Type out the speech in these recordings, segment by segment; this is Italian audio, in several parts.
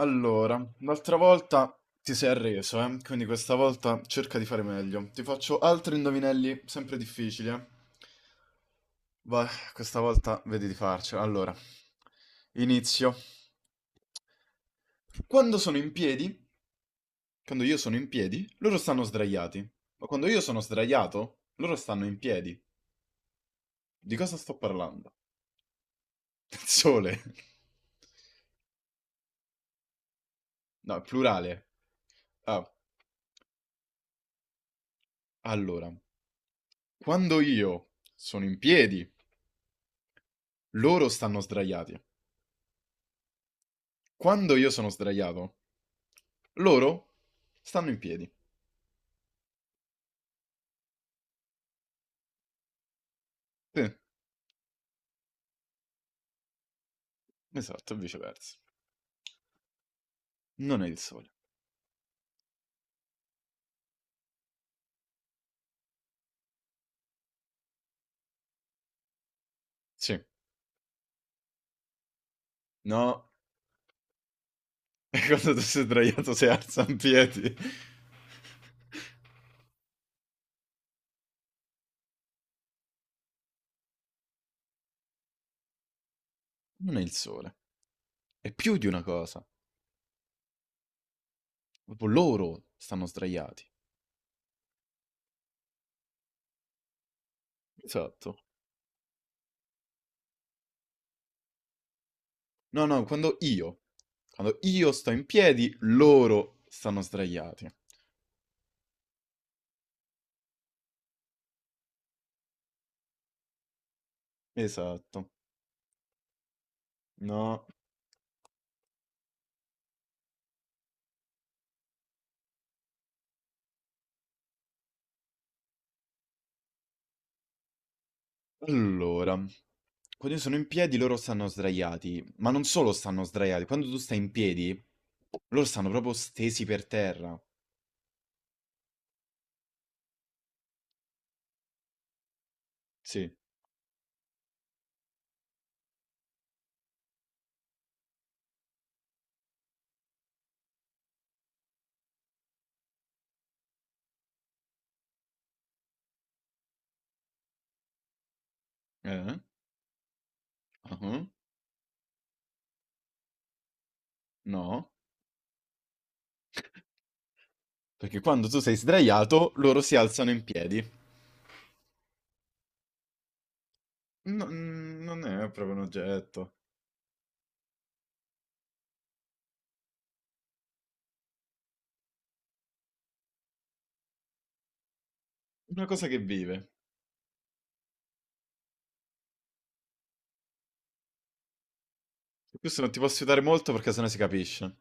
Allora, l'altra volta ti sei arreso, eh? Quindi questa volta cerca di fare meglio. Ti faccio altri indovinelli sempre difficili, eh? Vai, questa volta vedi di farcela. Allora, inizio. Quando sono in piedi, quando io sono in piedi, loro stanno sdraiati. Ma quando io sono sdraiato, loro stanno in piedi. Di cosa sto parlando? Del sole. No, è plurale. Ah, allora, quando io sono in piedi, loro stanno sdraiati. Quando io sono sdraiato, loro stanno in piedi. Sì, esatto, viceversa. Non è il sole. Sì. No, e quando tu sei sdraiato si alza in piedi. Non è il sole. È più di una cosa. Proprio loro stanno sdraiati. Esatto. No, no, quando io sto in piedi, loro stanno sdraiati. Esatto. No, allora, quando io sono in piedi loro stanno sdraiati, ma non solo stanno sdraiati, quando tu stai in piedi loro stanno proprio stesi per terra. Sì. Eh? Ah, no, perché quando tu sei sdraiato loro si alzano in piedi. No, non è proprio un oggetto, è una cosa che vive. Su questo non ti posso aiutare molto perché sennò si capisce.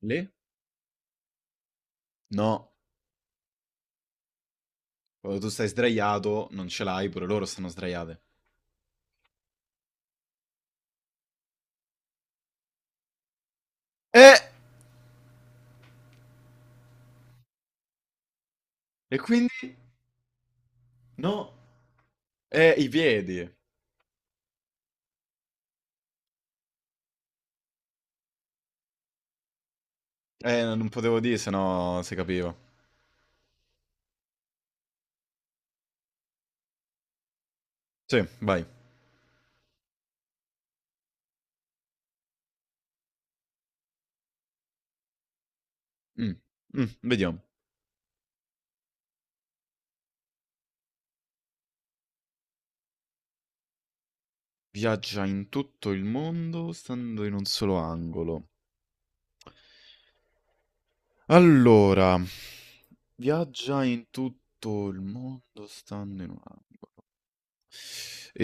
Le? No, quando tu stai sdraiato non ce l'hai, pure loro stanno sdraiate. Eh! E quindi? No, è i piedi. No, non potevo dire, se no si capiva. Sì, vai. Mm, mm, vediamo. Viaggia in tutto il mondo stando in un solo angolo. Allora, viaggia in tutto il mondo stando in un angolo.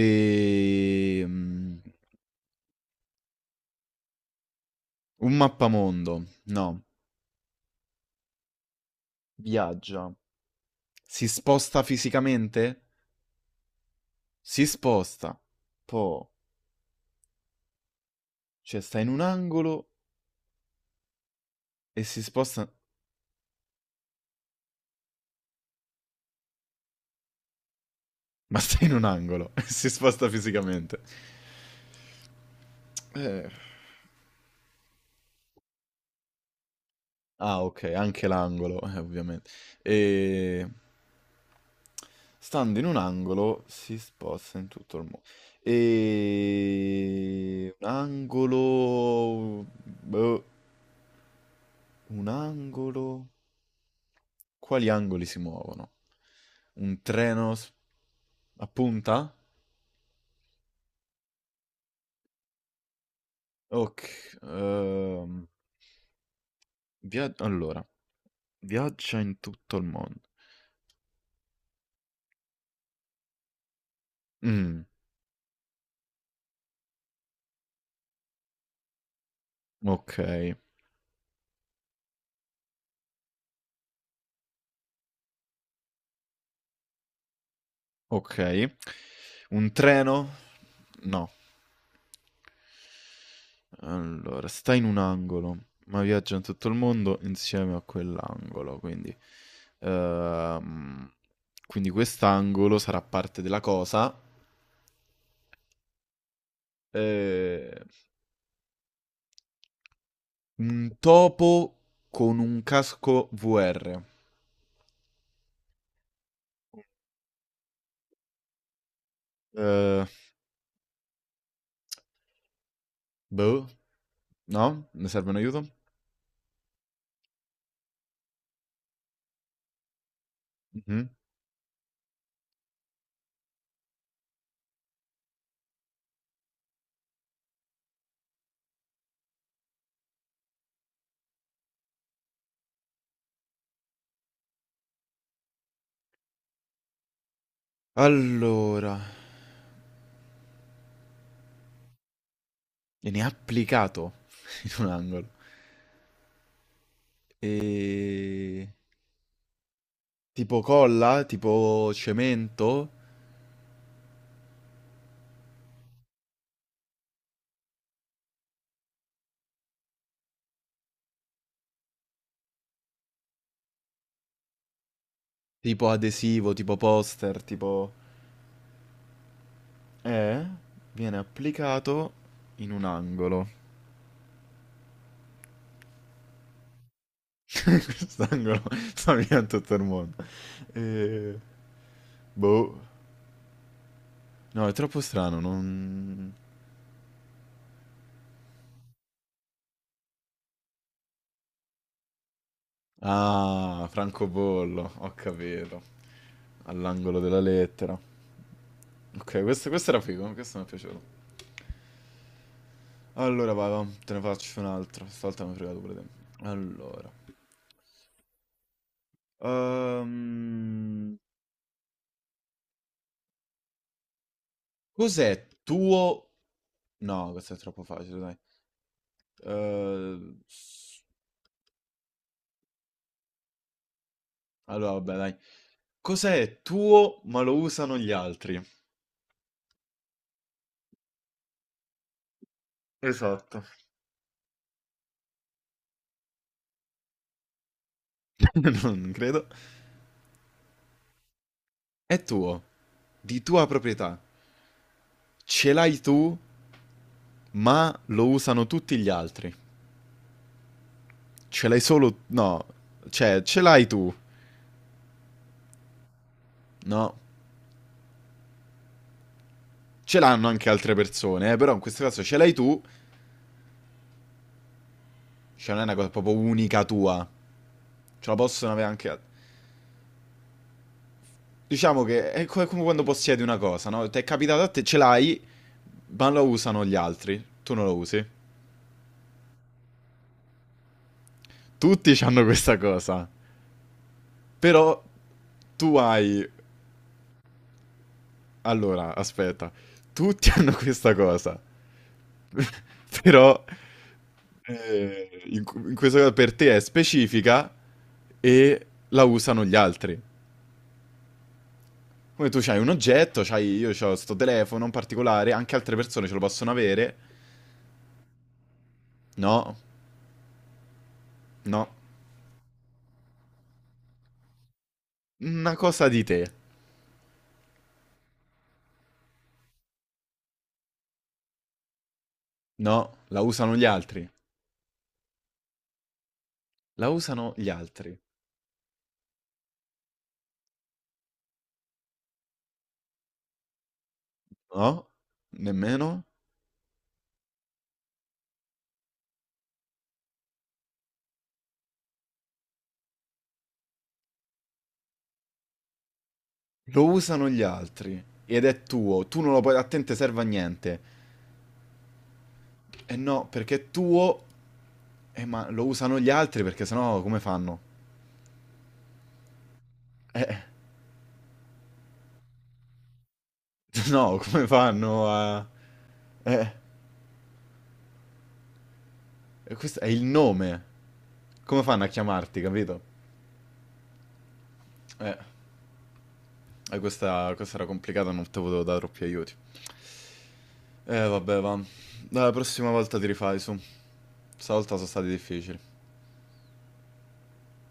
E... un mappamondo. No. Viaggia. Si sposta fisicamente? Si sposta. Po. Cioè, sta in un angolo e si sposta... Ma sta in un angolo e si sposta fisicamente. Eh. Ah, ok, anche l'angolo, ovviamente. E... Stando in un angolo si sposta in tutto il mondo. E... Un angolo... boh, un angolo... Quali angoli si muovono? Un treno s- a punta? Ok. Via- allora, viaggia in tutto il mondo. Mm, ok. Okay. Un treno? No. Allora, sta in un angolo, ma viaggia in tutto il mondo insieme a quell'angolo, quindi ehm, quindi quest'angolo sarà parte della cosa. Ehm, un topo con un casco VR. Ehm, boh. No? Ne serve un aiuto? Mh-mh. Allora, e ne ha applicato in un angolo. E tipo colla? Tipo cemento? Tipo adesivo? Tipo poster? Tipo... Eh? Viene applicato in un angolo. Quest'angolo sta via tutto il mondo. Eh, boh. No, è troppo strano, non... Ah, francobollo, ho capito. All'angolo della lettera. Ok, questo era figo, questo mi è piaciuto. Allora, vai, va, te ne faccio un altro. Stavolta mi hai fregato pure te. Allora. Ehm, cos'è tuo... No, questo è troppo facile, dai. Ehm, s- allora, vabbè, dai. Cos'è tuo ma lo usano gli altri? Esatto. Non credo. È tuo, di tua proprietà. Ce l'hai tu, ma lo usano tutti gli altri. Ce l'hai solo... No, cioè, ce l'hai tu. No, ce l'hanno anche altre persone, però in questo caso ce l'hai tu, cioè non è una cosa proprio unica tua. Ce la possono avere anche... altri. Diciamo che è co- è come quando possiedi una cosa, no? Ti è capitato a te, ce l'hai, ma lo usano gli altri, tu non lo usi. Tutti hanno questa cosa, però tu hai... Allora, aspetta, tutti hanno questa cosa, però in questo caso per te è specifica e la usano gli altri. Come tu c'hai un oggetto, c'hai, io ho sto telefono in particolare, anche altre persone ce lo possono avere. No, no, una cosa di te. No, la usano gli altri. La usano gli altri. No? Nemmeno? Lo usano gli altri. Ed è tuo. Tu non lo puoi... A te non te serve a niente. Eh no, perché è tuo... ma lo usano gli altri perché sennò come fanno? Eh... No, come fanno a... Eh... Questo è il nome. Come fanno a chiamarti, capito? Eh... Questa, questa era complicata, non te potevo dare troppi aiuti. Vabbè, va. Dai, la prossima volta ti rifai su. Stavolta sono stati difficili.